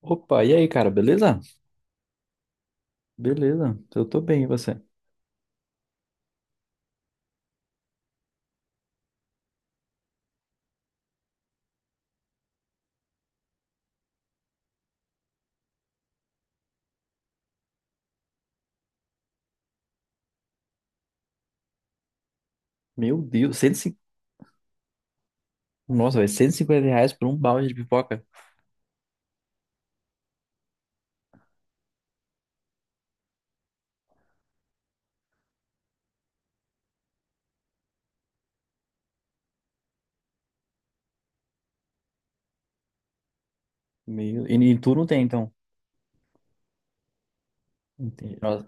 Opa, e aí, cara, beleza? Beleza, eu tô bem, e você? Meu Deus, 150... Nossa, velho, R$ 150 por um balde de pipoca. Meu... E tu não tem, então? Entendi. Nossa.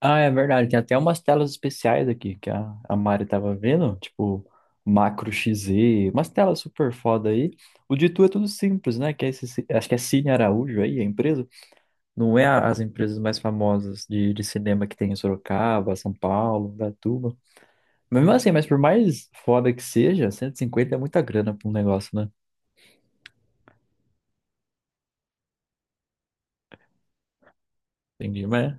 Ah, é verdade, tem até umas telas especiais aqui que a Mari tava vendo, tipo Macro XZ, umas telas super foda aí. O de tu é tudo simples, né? Que é esse, acho que é Cine Araújo aí, a empresa. Não é as empresas mais famosas de cinema que tem em Sorocaba, São Paulo, Datuba. Mesmo assim, mas por mais foda que seja, 150 é muita grana pra um negócio, né? Entendi, mas...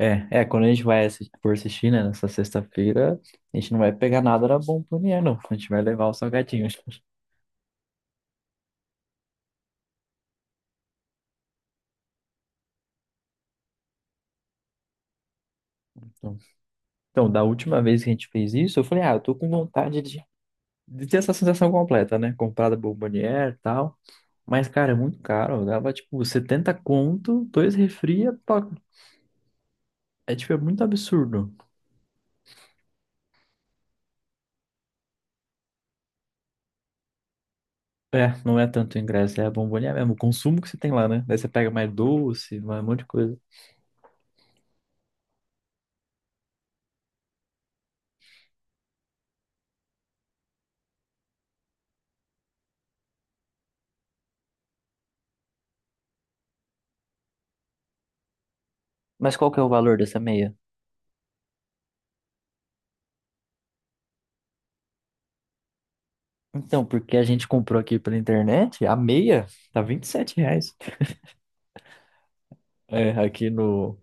É, quando a gente vai for assistir, né, nessa sexta-feira, a gente não vai pegar nada da bom pro dinheiro, não. A gente vai levar os salgadinhos. Então, então, da última vez que a gente fez isso, eu falei, ah, eu tô com vontade de ter essa sensação completa, né? Comprada bombonier e tal. Mas, cara, é muito caro. Dava, tipo, 70 conto, dois refri, é, é, tipo, é muito absurdo. É, não é tanto ingresso, é a bomboniere mesmo, o consumo que você tem lá, né? Daí você pega mais doce, mais um monte de coisa. Mas qual que é o valor dessa meia? Então, porque a gente comprou aqui pela internet, a meia tá R$ 27. É, aqui no...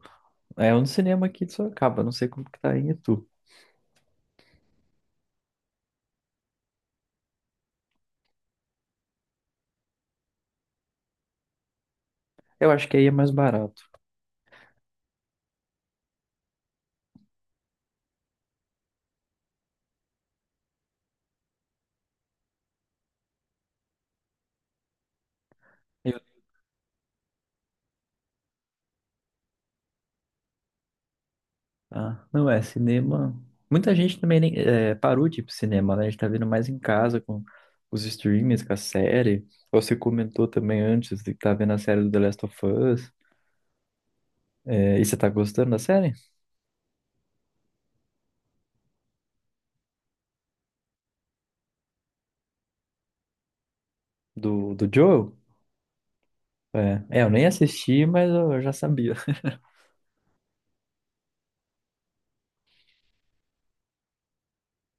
É um cinema aqui de Sorocaba, não sei como que tá aí em Itu. Eu acho que aí é mais barato. Eu- Ah, não é, cinema... Muita gente também é, parou de ir pro cinema, né? A gente tá vendo mais em casa com os streamings, com a série. Você comentou também antes de que tá vendo a série do The Last of Us. É, e você tá gostando da série? Do Joel? É, eu nem assisti, mas eu já sabia.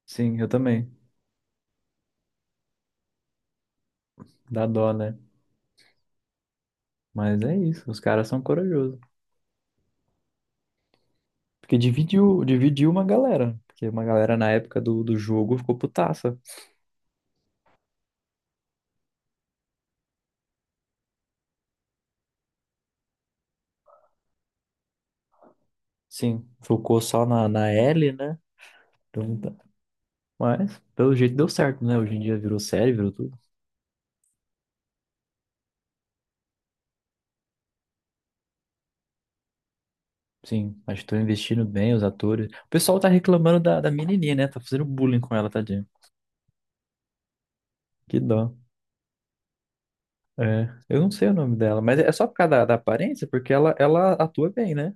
Sim, eu também. Dá dó, né? Mas é isso, os caras são corajosos. Porque dividiu, dividiu uma galera. Porque uma galera na época do jogo ficou putaça. Sim, focou só na Ellie, né? Então, tá. Mas, pelo jeito, deu certo, né? Hoje em dia virou série, virou tudo. Sim, acho que estão investindo bem os atores. O pessoal tá reclamando da menininha, né? Tá fazendo bullying com ela, tadinha. Que dó. É, eu não sei o nome dela, mas é só por causa da aparência, porque ela atua bem, né?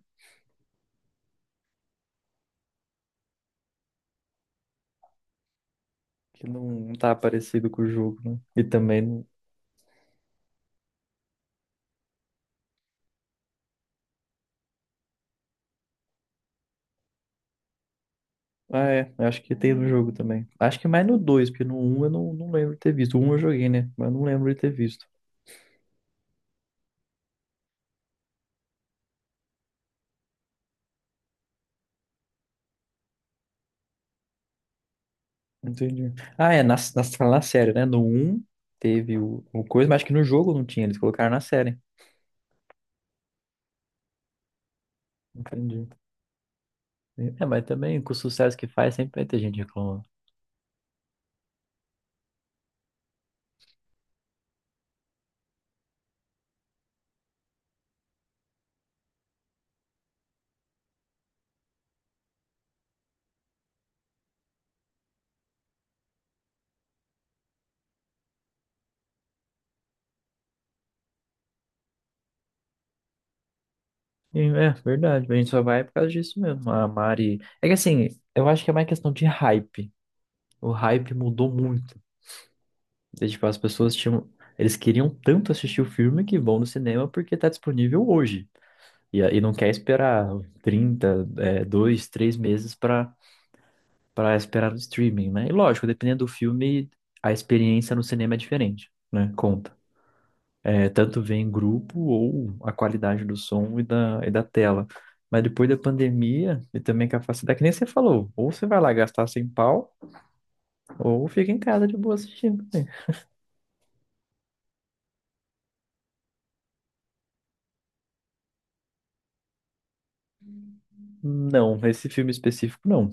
Que não, não tá parecido com o jogo, né? E também. Não- Ah, é, eu acho que tem no jogo também. Acho que mais no 2, porque no um eu não lembro de ter visto. O um eu joguei, né? Mas eu não lembro de ter visto. Entendi. Ah, é, na série, né? No um teve o coisa, mas acho que no jogo não tinha, eles colocaram na série. Entendi. É, mas também com o sucesso que faz, sempre vai ter gente reclamando. E, é verdade, a gente só vai por causa disso mesmo. A Mari. É que assim, eu acho que é mais questão de hype. O hype mudou muito. E, tipo, as pessoas tinham. Eles queriam tanto assistir o filme que vão no cinema porque tá disponível hoje. E não quer esperar 30 2, 3 meses pra esperar no streaming, né? E lógico, dependendo do filme, a experiência no cinema é diferente, né? Conta. É, tanto ver em grupo ou a qualidade do som e da tela. Mas depois da pandemia e também com a facilidade, que nem você falou, ou você vai lá gastar sem pau, ou fica em casa de boa assistindo, né? Não, esse filme específico não.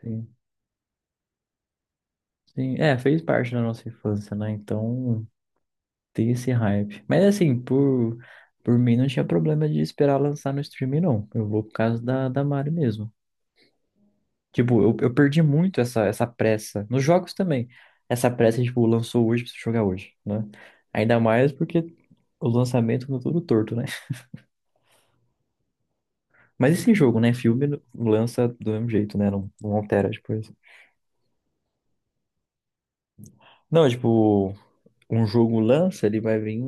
Sim, sim. É, fez parte da nossa infância, né? Então tem esse hype. Mas assim, por mim não tinha problema de esperar lançar no streaming, não. Eu vou por causa da Mari mesmo. Tipo, eu perdi muito essa pressa. Nos jogos também. Essa pressa, tipo, lançou hoje, preciso jogar hoje, né? Ainda mais porque o lançamento ficou tudo torto, né? Mas esse jogo, né? Filme lança do mesmo jeito, né? Não, não altera depois. Não, tipo, um jogo lança, ele vai vir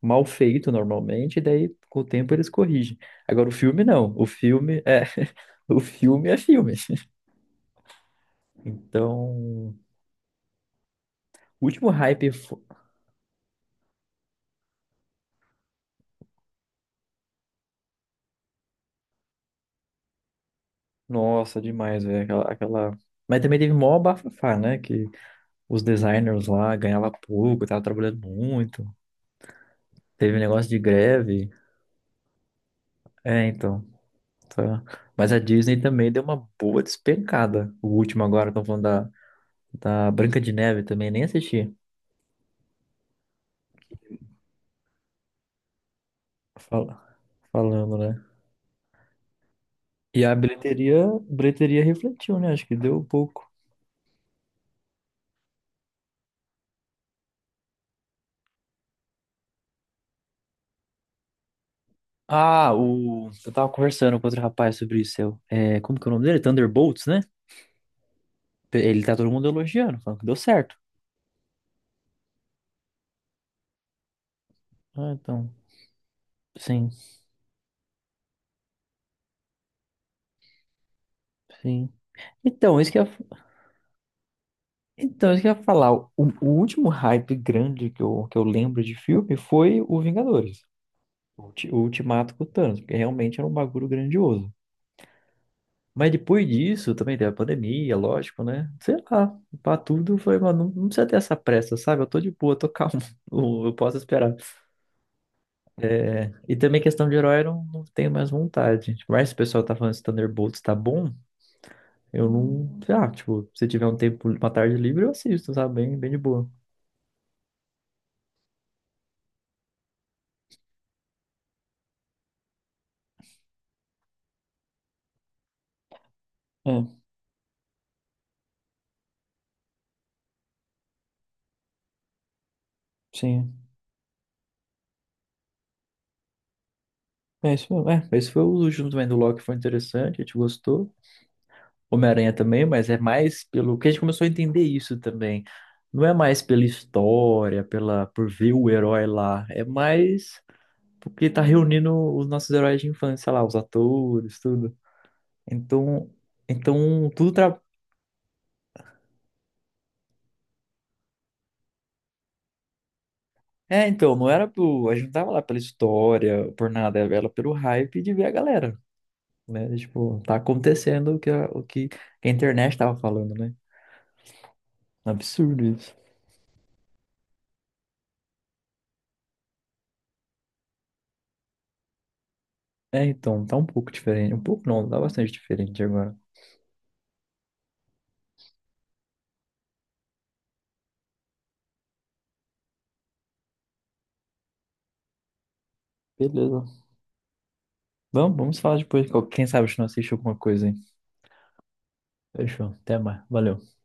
mal feito normalmente, e daí com o tempo eles corrigem. Agora o filme não. O filme é. O filme é filme. Então, o último hype Nossa, demais, velho. Aquela, aquela... Mas também teve mó bafafá, né? Que os designers lá ganhavam pouco, tava trabalhando muito. Teve um negócio de greve. É, então, tá. Mas a Disney também deu uma boa despencada. O último agora, estão falando da Branca de Neve também, nem assisti. Fala, falando, né? E a bilheteria, bilheteria refletiu, né? Acho que deu pouco. Ah, o... eu tava conversando com outro rapaz sobre isso. Eu... É, como que é o nome dele? Thunderbolts, né? Ele tá todo mundo elogiando, falando que deu certo. Ah, então, sim, sim. Então, isso que eu, então, isso que eu ia falar. O último hype grande que eu lembro de filme foi o Vingadores, o Ultimato com o Thanos, porque realmente era um bagulho grandioso. Mas depois disso, também teve a pandemia, lógico, né? Sei lá, pra tudo, eu falei, mano, não, não precisa ter essa pressa, sabe? Eu tô de boa, tô calmo, eu posso esperar. É, e também questão de herói, eu não tenho mais vontade. Mas se o pessoal tá falando que Thunderbolts tá bom, Eu não. Ah, tipo, se tiver um tempo, uma tarde livre, eu assisto, sabe? Bem, bem de boa. É, sim. É isso mesmo. É, esse foi o último também do Loki, foi interessante, a gente gostou. Homem-Aranha também, mas é mais pelo que a gente começou a entender isso também. Não é mais pela história, pela por ver o herói lá. É mais porque tá reunindo os nossos heróis de infância lá, os atores, tudo. Então, então, tudo tra... É, então, não era pro. A gente não tava lá pela história, por nada, era pelo hype de ver a galera. Né? Tipo, tá acontecendo o que a internet tava falando, né? Absurdo isso. É, então, tá um pouco diferente. Um pouco não, tá bastante diferente agora. Beleza. Vamos, vamos falar depois. Quem sabe a gente não assiste alguma coisa, hein? Fechou. Até mais. Valeu.